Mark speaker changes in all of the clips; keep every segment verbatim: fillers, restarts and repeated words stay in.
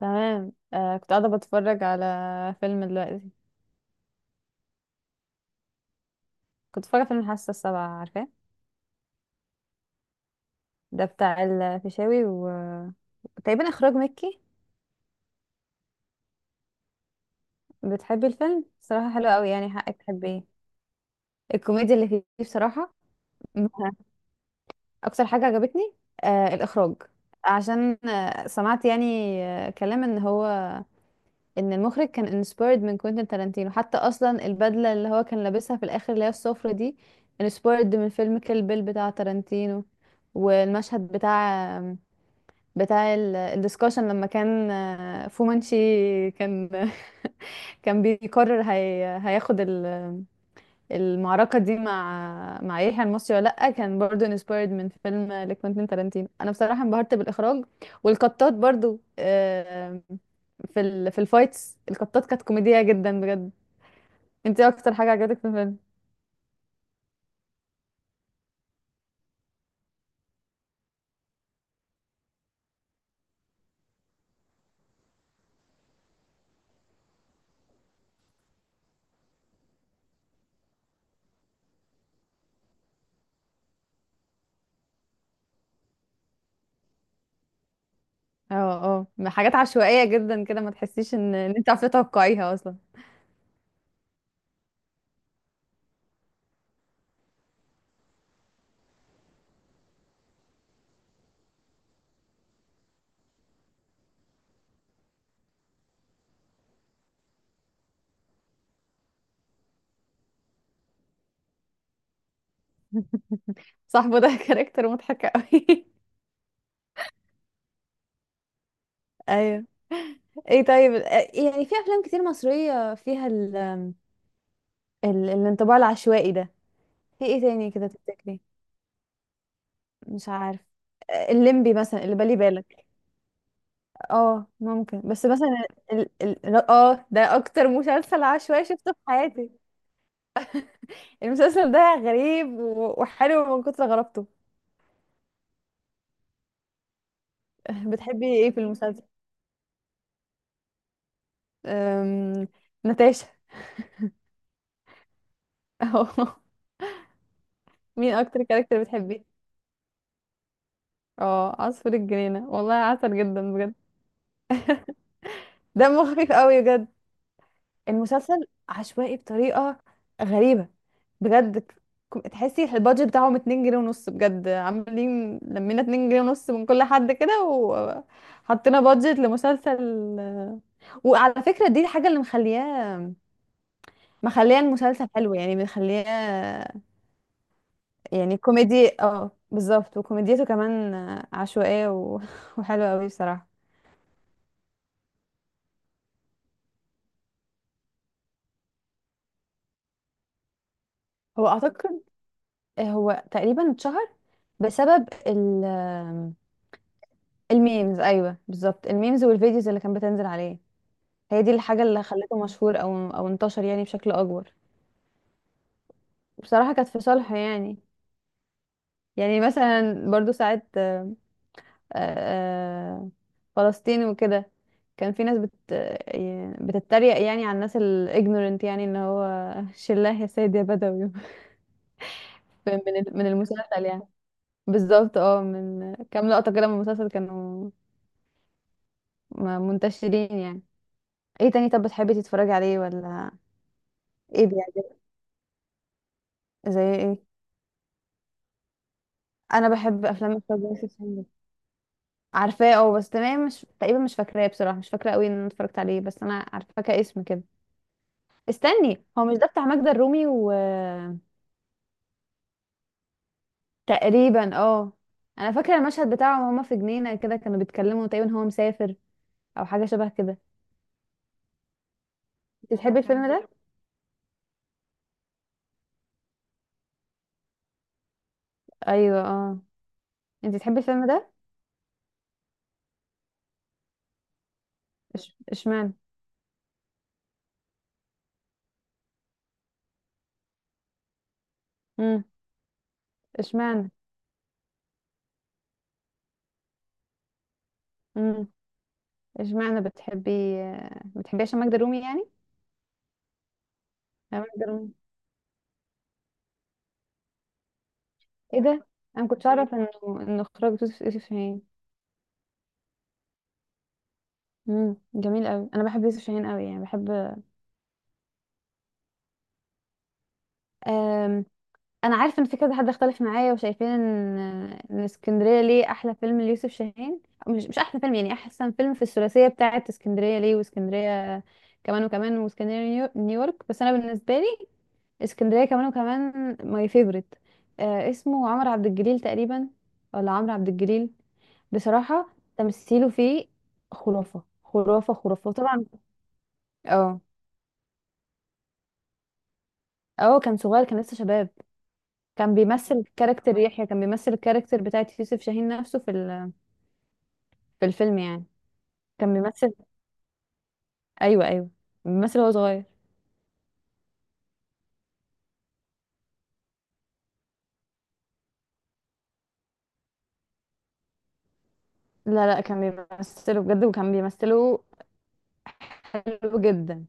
Speaker 1: تمام، آه كنت قاعدة بتفرج على فيلم دلوقتي. كنت بتفرج على فيلم الحاسة السابعة، عارفاه؟ ده بتاع الفيشاوي و تقريبا إخراج مكي. بتحبي الفيلم؟ بصراحة حلو قوي، يعني حقك تحبيه. الكوميديا اللي فيه بصراحة م- أكتر حاجة عجبتني، آه الإخراج. عشان آه سمعت يعني آه كلام إن هو ان المخرج كان انسبايرد من كوينتين تارانتينو، حتى اصلا البدله اللي هو كان لابسها في الاخر اللي هي الصفرة دي انسبايرد من فيلم كيل بيل بتاع تارانتينو. والمشهد بتاع بتاع الدسكشن لما كان آه، فومانشي كان كان بيقرر هي... هياخد ال المعركة دي مع مع يحيى المصري ولا لأ، كان برضو انسبايرد من فيلم لكوينتين تارانتينو. أنا بصراحة انبهرت بالإخراج والقطات برضو، آم، في ال... في الفايتس القطات كانت كوميدية جدا بجد. انت إيه أكتر حاجة عجبتك في الفيلم؟ اه. اه حاجات عشوائية جدا كده، ما تحسيش ان إن انت عارفة تتوقعيها أصلا. صاحبه ده كاركتر مضحك قوي. ايوه. ايه طيب، إيه يعني في افلام كتير مصرية فيها ال... ال... الانطباع العشوائي ده؟ في ايه تاني كده تفتكري؟ مش عارف، الليمبي مثلا اللي بالي بالك. اه ممكن، بس مثلا ال... ال... اه ده اكتر مسلسل عشوائي شفته في حياتي. المسلسل ده غريب و... وحلو من كتر غرابته. بتحبي ايه في المسلسل؟ أم... نتاشا. اه. مين اكتر كاركتر بتحبيه؟ اه عصفور الجنينة، والله عسل جدا بجد. دمه خفيف قوي بجد. المسلسل عشوائي بطريقة غريبة بجد. ك- تحسي البادجت بتاعهم اتنين جنيه ونص بجد، عاملين لمينا اتنين جنيه ونص من كل حد كده وحطينا بادجت لمسلسل. وعلى فكرة دي الحاجة اللي مخلياه، مخلياه المسلسل حلو، يعني مخلياه. يعني كوميدي، اه بالظبط، وكوميديته كمان عشوائية و... وحلوة قوي بصراحة. هو اعتقد هو تقريبا اتشهر بسبب ال الميمز، ايوه بالظبط الميمز والفيديوز اللي كانت بتنزل عليه. هي دي الحاجه اللي خلته مشهور او او انتشر يعني بشكل اكبر. بصراحه كانت في صالحه يعني. يعني مثلا برضو ساعات، آه، آه، فلسطين وكده، كان في ناس بت آه، بتتريق يعني على الناس الاجنورنت، يعني ان هو شلاه يا سيد يا بدوي. من من ال- من المسلسل يعني. بالظبط، اه من كام لقطه كده من المسلسل كانوا م- منتشرين يعني. ايه تاني طب، بتحبي تتفرجي عليه ولا؟ ايه بيعجبك؟ زي ايه؟ انا بحب افلام احمد يوسف هندسة. عارفاه، اه بس تمام مش تقريبا مش فاكراه بصراحه، مش فاكره قوي ان انا اتفرجت عليه، بس انا عارفاه كاسم كده. استني، هو مش ده بتاع ماجدة الرومي و تقريبا اه. انا فاكره المشهد بتاعهم وهما في جنينه كده كانوا بيتكلموا، تقريبا هو مسافر او حاجه شبه كده. انت بتحبي الفيلم ده؟ ايوه اه. انت بتحبي الفيلم ده؟ إش- اشمعنى؟ امم. اشمعنى؟ امم. اشمعنى بتحبي؟ بتحبي عشان ماجدة الرومي يعني؟ يا ماجدة الرومي. ايه ده، انا مكنتش اعرف انه انه اخراج يوسف يوسف شاهين. امم، جميل قوي، انا بحب يوسف شاهين قوي، يعني بحب. أم... انا عارفه ان في كذا حد اختلف معايا وشايفين ان ان اسكندريه ليه احلى فيلم ليوسف شاهين. مش مش احلى فيلم يعني، احسن فيلم في الثلاثيه بتاعه اسكندريه ليه واسكندريه كمان وكمان واسكندريه نيو- نيويورك، بس انا بالنسبه لي اسكندريه كمان وكمان ماي فيفورت. آه اسمه عمرو عبد الجليل تقريبا، ولا عمرو عبد الجليل. بصراحه تمثيله فيه خرافه خرافه خرافه، وطبعا اه. اه كان صغير، كان لسه شباب. كان بيمثل كاركتر يحيى، كان بيمثل الكاركتر بتاعت يوسف شاهين نفسه في ال- في الفيلم يعني. كان بيمثل، ايوه ايوه بيمثل وهو صغير. لا لا كان بيمثله بجد، وكان بيمثله حلو جدا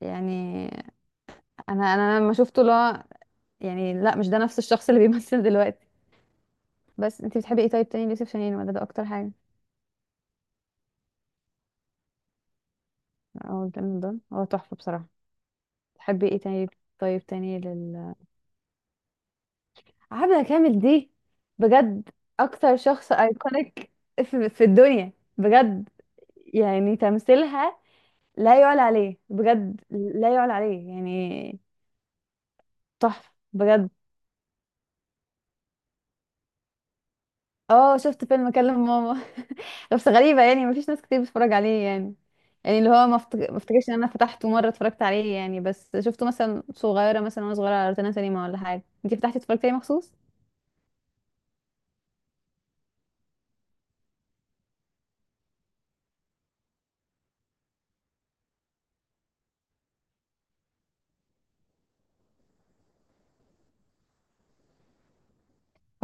Speaker 1: يعني. انا انا لما شفته، لا يعني لا مش ده نفس الشخص اللي بيمثل دلوقتي. بس انت بتحبي ايه طيب تاني ليوسف شاهين ولا ده اكتر حاجه؟ او الفيلم ده هو تحفه بصراحه. بتحبي ايه تاني؟ طيب تاني لل عبلة كامل دي بجد اكتر شخص ايكونيك في, في الدنيا بجد يعني. تمثيلها لا يعلى عليه بجد، لا يعلى عليه يعني، تحفه بجد. اه شفت فيلم كلم ماما. بس غريبة يعني مفيش ناس كتير بتتفرج عليه يعني، يعني اللي هو ما افتك- ما افتكرش ان انا فتحته مرة اتفرجت عليه يعني، بس شفته مثلا صغيرة، مثلا وانا صغيرة على روتانا سينما ولا حاجة. انتي فتحتي اتفرجتي عليه مخصوص؟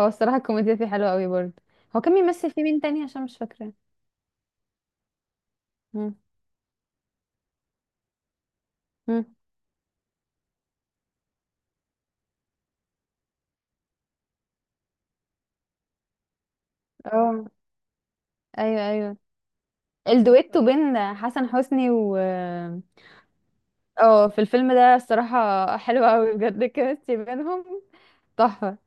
Speaker 1: هو الصراحة الكوميديا فيه حلوة قوي برضه. هو كان بيمثل فيه مين تاني؟ عشان مش فاكرة. مم. مم. اه. ايوه ايوه. الدويتو بين حسن حسني و اه في الفيلم ده الصراحة حلوة قوي بجد، الكيمستري بينهم تحفة.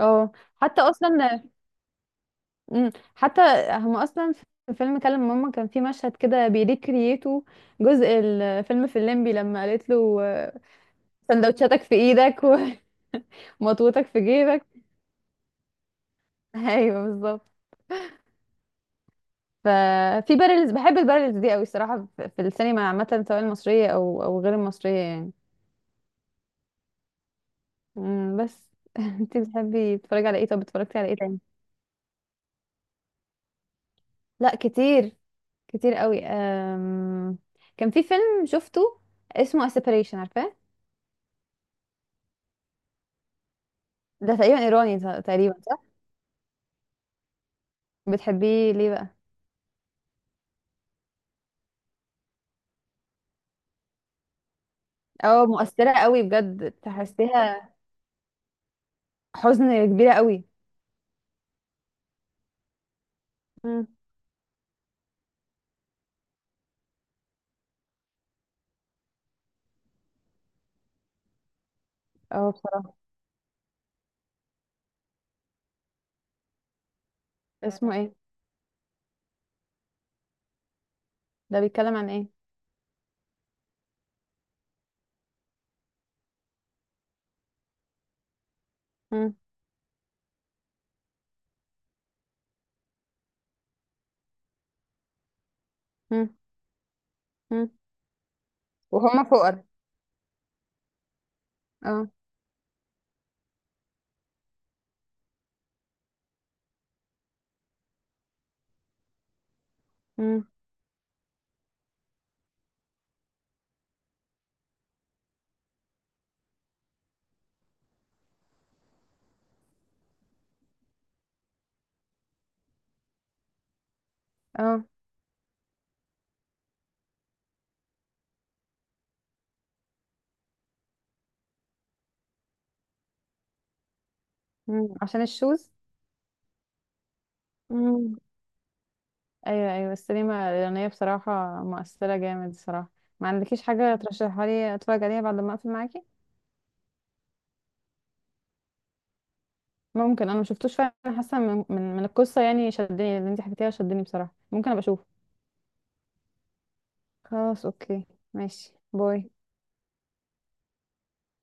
Speaker 1: اه حتى اصلا مم. حتى هم اصلا في فيلم كلم ماما كان في مشهد كده بيريكرييتو جزء الفيلم في الليمبي لما قالت له آه، سندوتشاتك في ايدك ومطوتك في جيبك. ايوه بالظبط. ففي بارلز، بحب البارلز دي قوي الصراحه، في في السينما عامه سواء المصريه او او غير المصريه يعني. مم، بس. انت بتحبي تتفرجي على ايه؟ طب اتفرجتي على ايه تاني؟ لا كتير، كتير قوي. أم... كان في فيلم شفته اسمه A Separation عارفاه؟ ده تقريبا ايراني، ت- تقريبا. بتحبيه ليه بقى؟ اه مؤثرة قوي بجد تحسيها حزن كبيرة قوي. مم. اه بصراحة. اسمه ايه؟ ده بيتكلم عن ايه؟ مم. مم. مم. وهما فقر. اه. مم. اه. مم. عشان الشوز. مم. ايوه ايوه السينما الإيرانية بصراحة مؤثرة جامد صراحة. ما عندكيش حاجة ترشحها لي اتفرج عليها بعد ما اقفل معاكي؟ ممكن، انا ما شفتوش فعلا، حاسة من من من القصة يعني شدني، اللي انت حكيتيها شدني بصراحة، ممكن ابقى اشوف. خلاص اوكي، ماشي باي.